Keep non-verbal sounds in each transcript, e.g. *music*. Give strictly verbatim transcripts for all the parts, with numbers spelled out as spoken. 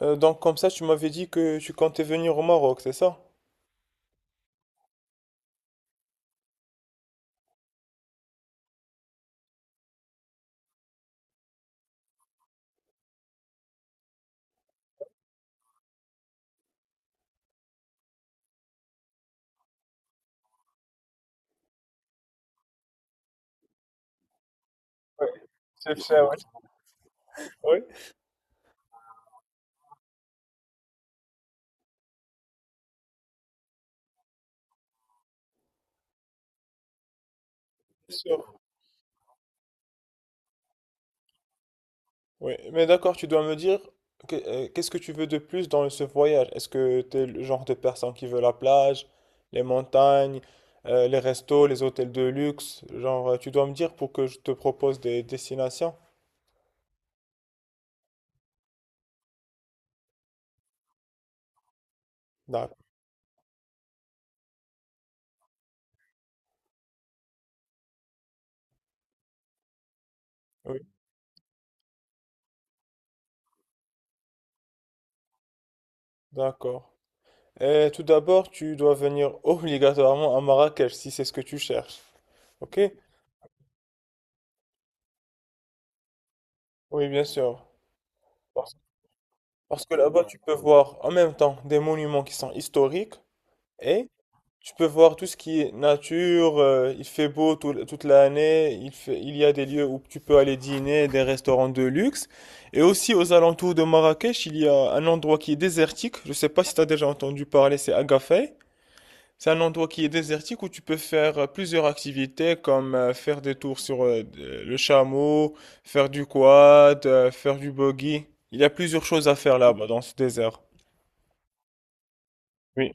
Euh, donc comme ça, tu m'avais dit que tu comptais venir au Maroc, c'est ça? Oui, c'est ça, oui. Oui, c'est sûr. Oui, mais d'accord, tu dois me dire que- euh, qu'est-ce que tu veux de plus dans ce voyage? Est-ce que tu es le genre de personne qui veut la plage, les montagnes, euh, les restos, les hôtels de luxe? Genre, euh, tu dois me dire pour que je te propose des destinations. D'accord. Oui, d'accord. Euh, tout d'abord, tu dois venir obligatoirement à Marrakech si c'est ce que tu cherches. Ok? Oui, bien sûr. Parce parce que là-bas, tu peux voir en même temps des monuments qui sont historiques et tu peux voir tout ce qui est nature. Euh, il fait beau tout toute l'année. Il fait- il y a des lieux où tu peux aller dîner, des restaurants de luxe. Et aussi aux alentours de Marrakech, il y a un endroit qui est désertique. Je ne sais pas si tu as déjà entendu parler, c'est Agafay. C'est un endroit qui est désertique où tu peux faire euh, plusieurs activités comme euh, faire des tours sur euh, le chameau, faire du quad, euh, faire du buggy. Il y a plusieurs choses à faire là-bas dans ce désert. Oui.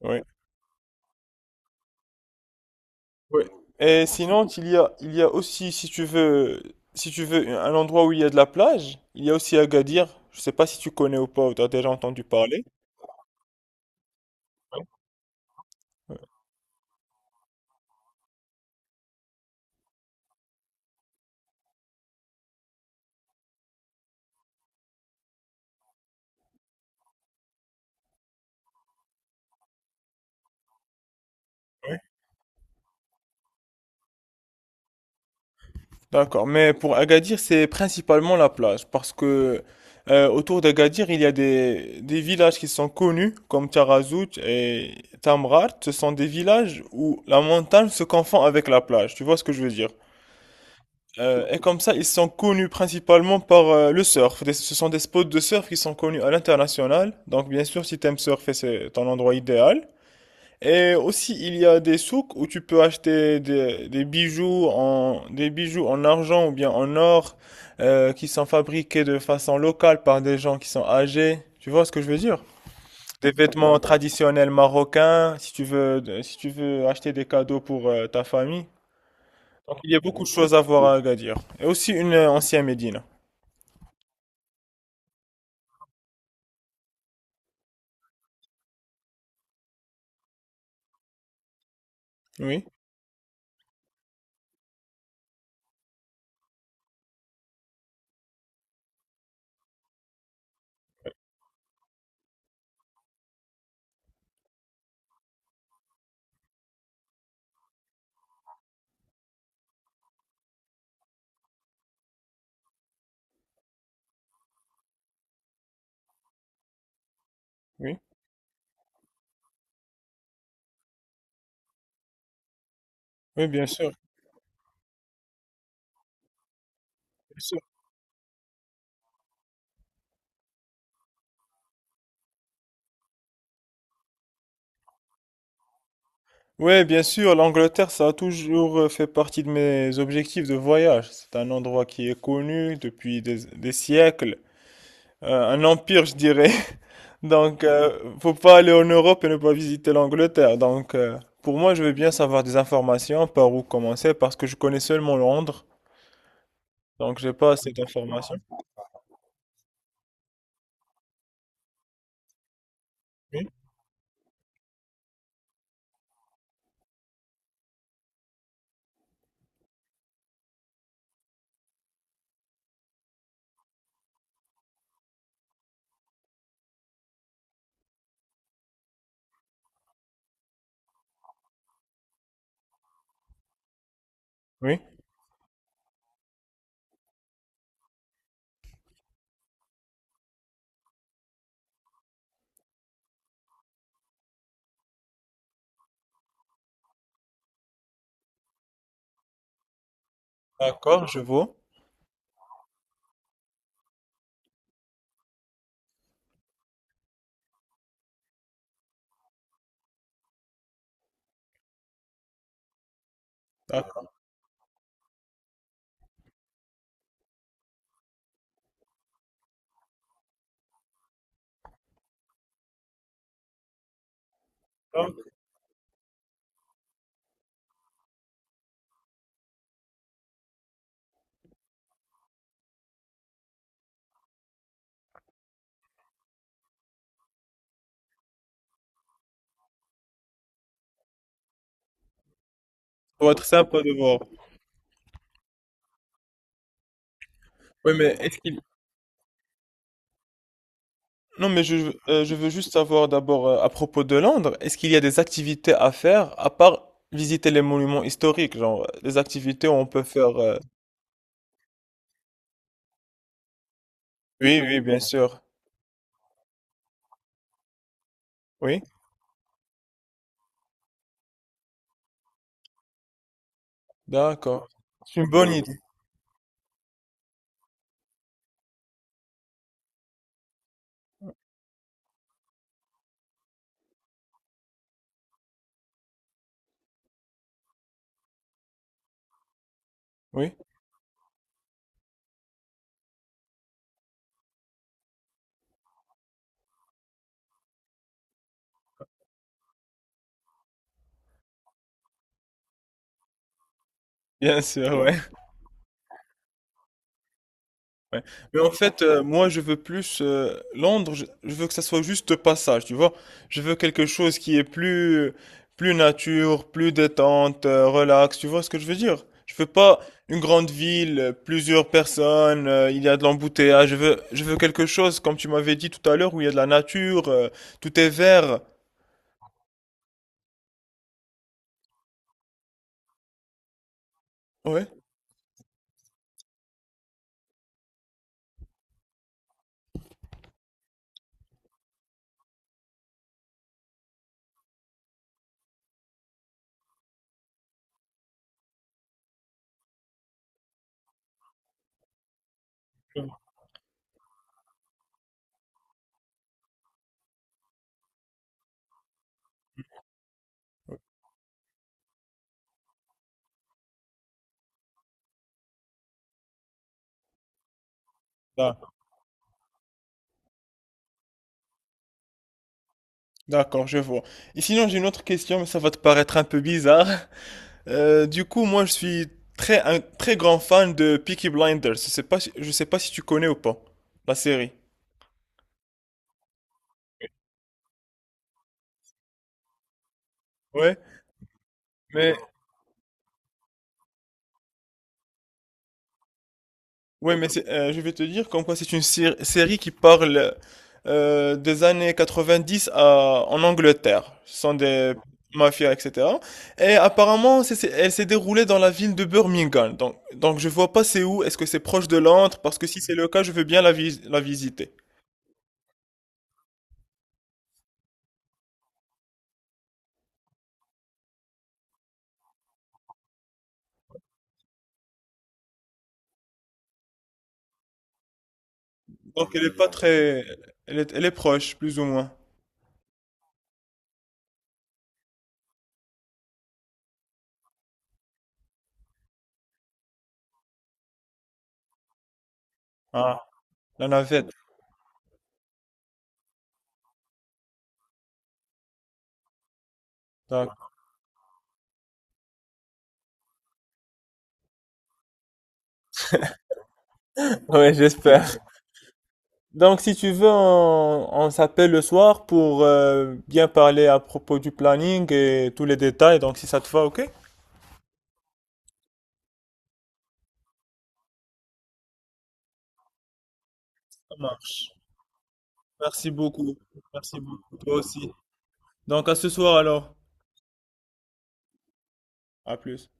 Oui. Oui. Et sinon, il y a, il y a aussi, si tu veux, si tu veux, un endroit où il y a de la plage, il y a aussi Agadir. Je sais pas si tu connais ou pas, ou tu as déjà entendu parler. D'accord, mais pour Agadir, c'est principalement la plage, parce que euh, autour d'Agadir, il y a des, des villages qui sont connus, comme Tarazout et Tamraght. Ce sont des villages où la montagne se confond avec la plage, tu vois ce que je veux dire? Euh, et comme ça, ils sont connus principalement par euh, le surf. Des- ce sont des spots de surf qui sont connus à l'international. Donc, bien sûr, si t'aimes surfer, c'est ton endroit idéal. Et aussi, il y a des souks où tu peux acheter des, des bijoux en, des bijoux en argent ou bien en or, euh, qui sont fabriqués de façon locale par des gens qui sont âgés. Tu vois ce que je veux dire? Des vêtements traditionnels marocains, si tu veux, si tu veux acheter des cadeaux pour euh, ta famille. Donc, il y a beaucoup de choses à voir à Agadir. Et aussi une euh, ancienne Médine. Oui, oui, oui, bien sûr. Ouais, bien sûr, l'Angleterre, ça a toujours euh, fait partie de mes objectifs de voyage. C'est un endroit qui est connu depuis des, des siècles, euh, un empire, je dirais. *laughs* Donc, euh, Faut pas aller en Europe et ne pas visiter l'Angleterre. Donc, euh, pour moi, je veux bien savoir des informations par où commencer parce que je connais seulement Londres. Donc, j'ai pas assez d'informations. Oui, oui. D'accord, je vois. D'accord. Ça doit être sympa de voir. Oui, mais est-ce qu'il Non, mais je, euh, je veux juste savoir d'abord euh, à propos de Londres, est-ce qu'il y a des activités à faire à part visiter les monuments historiques, genre les activités où on peut faire... euh, Oui, oui, bien sûr. Oui, d'accord. C'est une bonne idée. Oui, bien sûr, ouais. Ouais. Mais en fait, euh, moi, je veux plus euh, Londres. Je, je veux que ça soit juste passage, tu vois. Je veux quelque chose qui est plus, plus nature, plus détente, euh, relax. Tu vois ce que je veux dire? Je veux pas une grande ville, euh, plusieurs personnes, euh, il y a de l'embouteillage. Je veux, je veux quelque chose, comme tu m'avais dit tout à l'heure, où il y a de la nature, euh, tout est vert. Ouais. Ah, d'accord, je vois. Et sinon, j'ai une autre question, mais ça va te paraître un peu bizarre. Euh, du coup, moi, je suis très, un très grand fan de Peaky Blinders. Je sais pas si, je sais pas si tu connais ou pas la série. Ouais, mais, ouais, mais c'est- euh, je vais te dire comme quoi c'est une sér- série qui parle euh, des années quatre-vingt-dix à, en Angleterre. Ce sont des mafias, et cætera. Et apparemment, c'est- c'est- elle s'est déroulée dans la ville de Birmingham. Donc, donc je vois pas c'est où. Est-ce que c'est proche de Londres? Parce que si c'est le cas, je veux bien la, vis- la visiter. Donc elle est pas très, elle est, elle est proche, plus ou moins. Ah, la navette. D'accord. *laughs* Ouais, j'espère. Donc si tu veux, on, on s'appelle le soir pour euh, bien parler à propos du planning et tous les détails. Donc si ça te va, ok? Ça marche. Merci beaucoup. Merci beaucoup. Toi aussi. Donc à ce soir alors. À plus.